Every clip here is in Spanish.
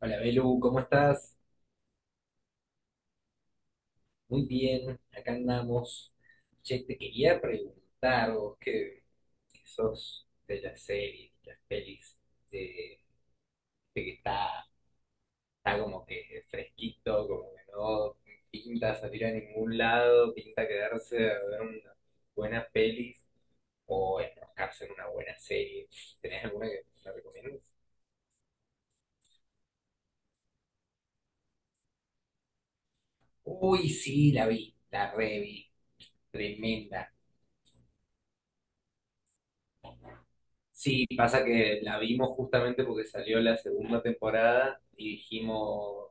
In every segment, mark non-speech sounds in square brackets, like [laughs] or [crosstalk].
Hola Belu, ¿cómo estás? Muy bien, acá andamos. Che, te quería preguntar, vos que sos de las series, de las pelis, de, de que está, está como que fresquito, como que no pinta salir a ningún lado, pinta quedarse a ver unas buenas pelis o enroscarse en una buena serie. ¿Tenés alguna que me recomiendes? Uy, sí, la vi, la revi, tremenda. Sí, pasa que la vimos justamente porque salió la segunda temporada y dijimos,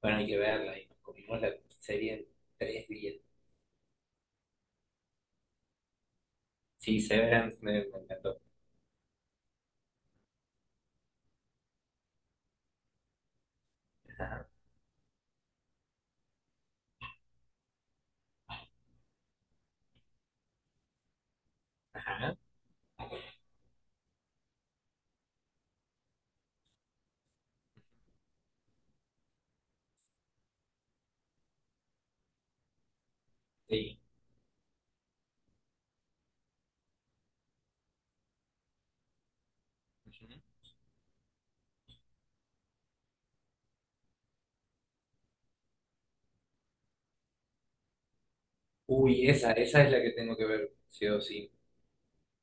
bueno, hay que verla y nos comimos la serie en tres días. Sí, Severance me encantó. Ajá, ajá, sí. Ujú. Uy, esa es la que tengo que ver, sí o sí,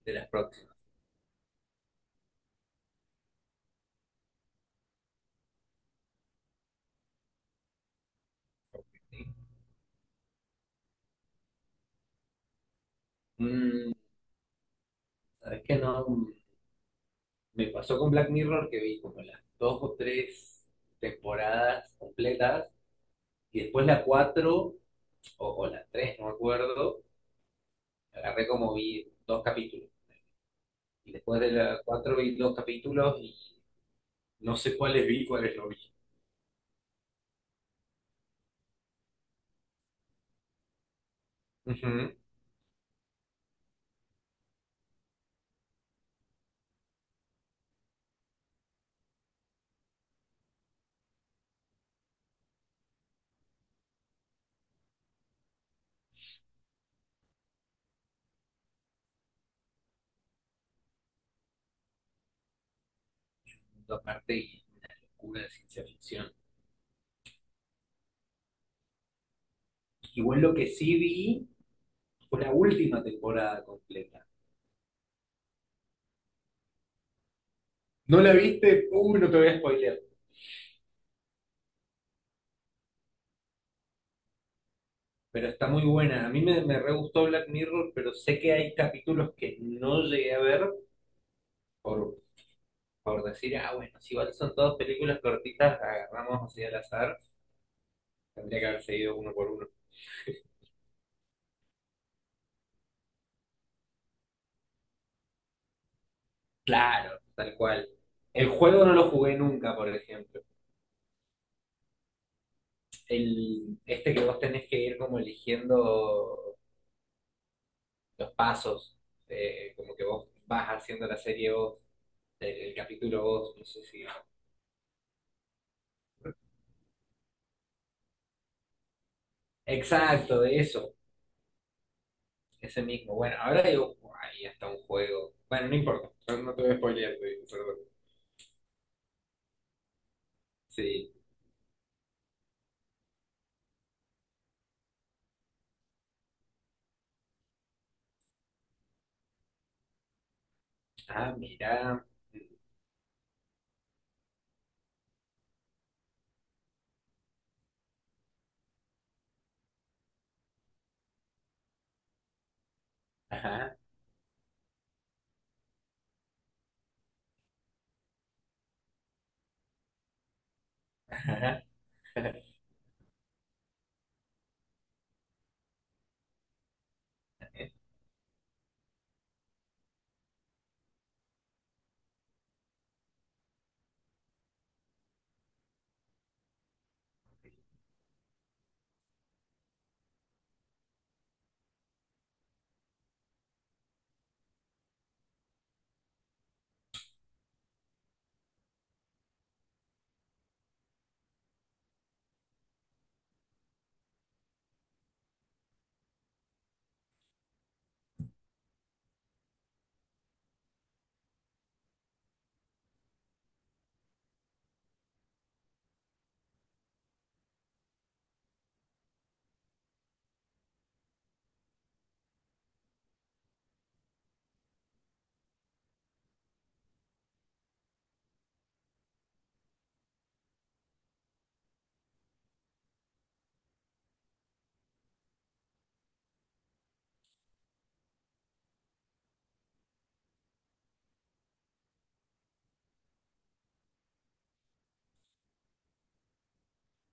de las próximas. Sí. Mm, ¿Sabes qué? No, me pasó con Black Mirror que vi como las dos o tres temporadas completas y después la cuatro o la tres, no me acuerdo, agarré como vi dos capítulos. Y después de la cuatro vi dos capítulos y no sé cuáles vi, cuáles no vi. Ujú. Dos partes y una locura de ciencia ficción. Igual lo que sí vi fue la última temporada completa. ¿No la viste? Uy, no te voy a spoilear. Pero está muy buena. A mí me re gustó Black Mirror, pero sé que hay capítulos que no llegué a ver por, por decir, ah, bueno, si igual son todas películas cortitas, agarramos así al azar. Tendría que haber seguido uno por uno. Claro, tal cual. El juego no lo jugué nunca, por ejemplo. El, este que vos tenés que ir como eligiendo los pasos, como que vos vas haciendo la serie vos, el capítulo vos, no sé si... Exacto, de eso, ese mismo. Bueno, ahora digo, ahí está un juego. Bueno, no importa, no, no te voy a spoilear, te digo, perdón. Sí. Ah, mirá. Ajá, ajá. [laughs]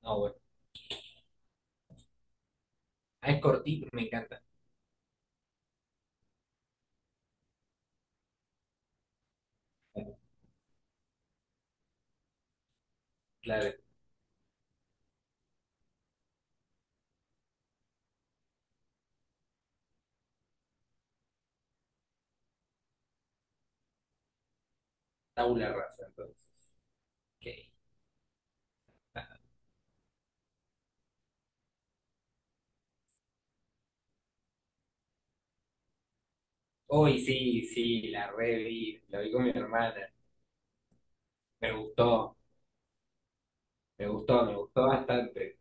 No, bueno. Ah, es cortito, me encanta. Claro, tabula rasa, entonces. Ok. Hoy sí, sí, la reví, la vi con mi hermana. Me gustó, me gustó, me gustó bastante.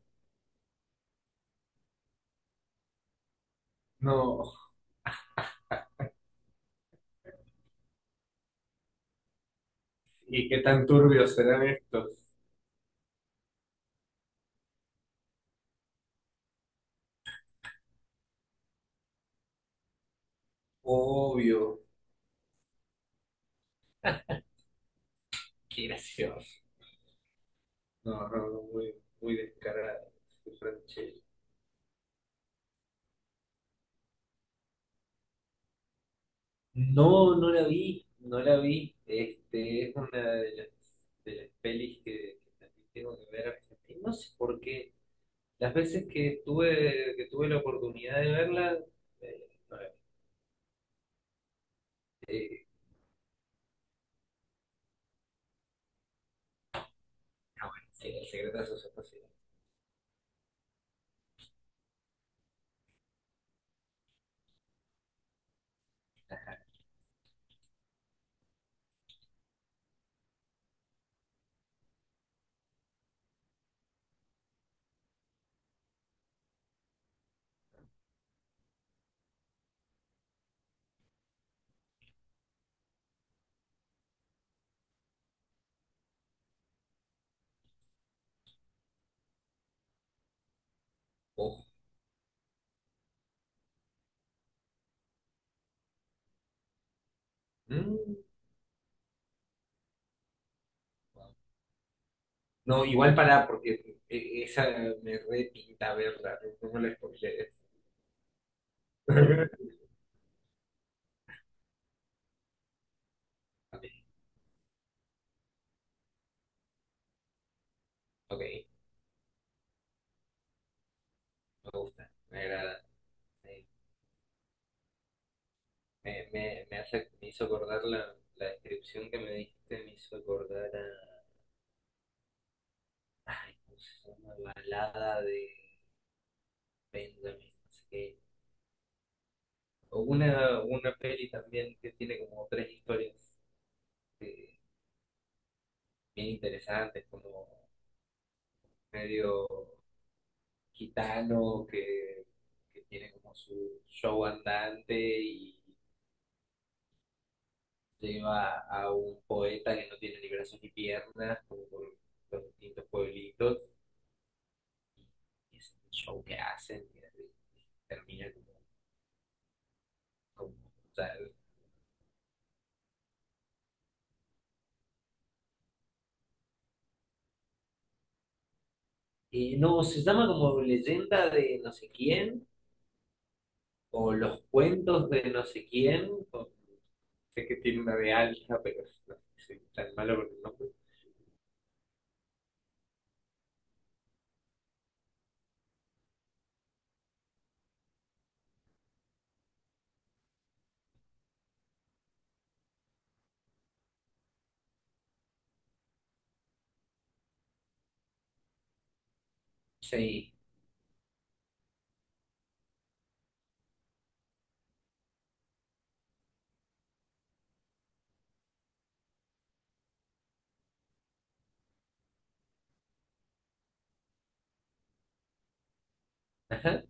No, ¿y qué tan turbios serán estos? Obvio, qué gracioso. No, no, no, muy, muy descarado. Qué franchella. No, no la vi, no la vi. Este, es una de las pelis que también tengo que ver Argentina. No sé por qué. Las veces que estuve, que tuve la oportunidad de verla, no la vi. Eh, ah, bueno, sí, El secreto de sus ojos, sí. Ojo. Mm. No, igual para, porque esa me repinta verla, no no me la spoilees. [laughs] Ok, ok, me gusta, me agrada. Sí. Me hace, me hizo acordar la descripción que me dijiste, me hizo acordar a, ay, ¿cómo se llama? Balada de Benjamin, no sé qué. O una peli también que tiene como tres historias eh, bien interesantes, como medio gitano que tiene como su show andante y lleva a un poeta que no tiene ni brazos ni piernas, como por los distintos pueblitos, y es un show que hacen y así, termina como, como tal. Y no, se llama como leyenda de no sé quién, o los cuentos de no sé quién, o sé que tiene una de Alja, pero no, soy tan malo con el nombre. Sí, ajá,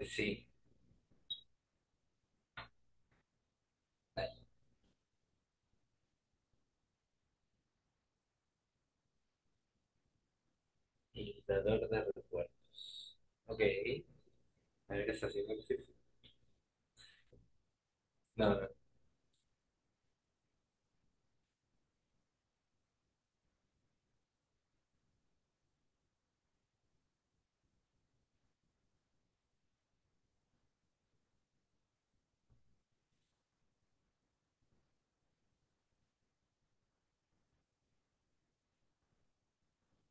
sí. Dictador de recuerdos. Ok. A ver qué está haciendo. No, no. No.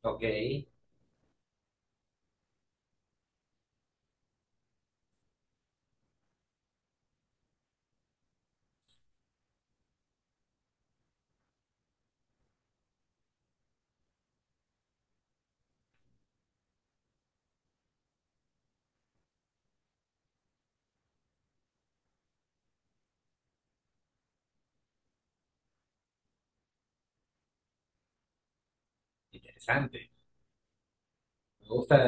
Ok. Interesante. Me gusta.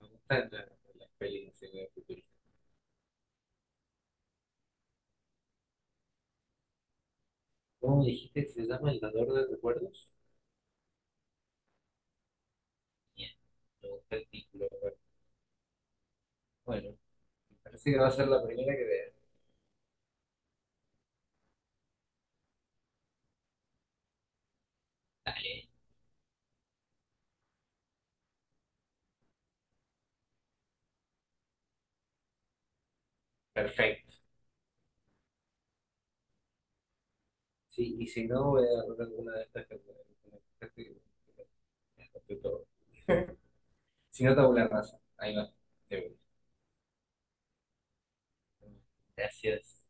Me gustan la las pelis así de futurista. ¿Cómo dijiste que se llama El dador de recuerdos? Bien. Me gusta el título. Bueno, parece que va a ser la primera que vea. Dale. Perfecto. Sí, y si no, voy a agarrar alguna de estas que me gustaste, que me que me que me que me [laughs] si no, tabula rasa. Ahí va. De una. Gracias.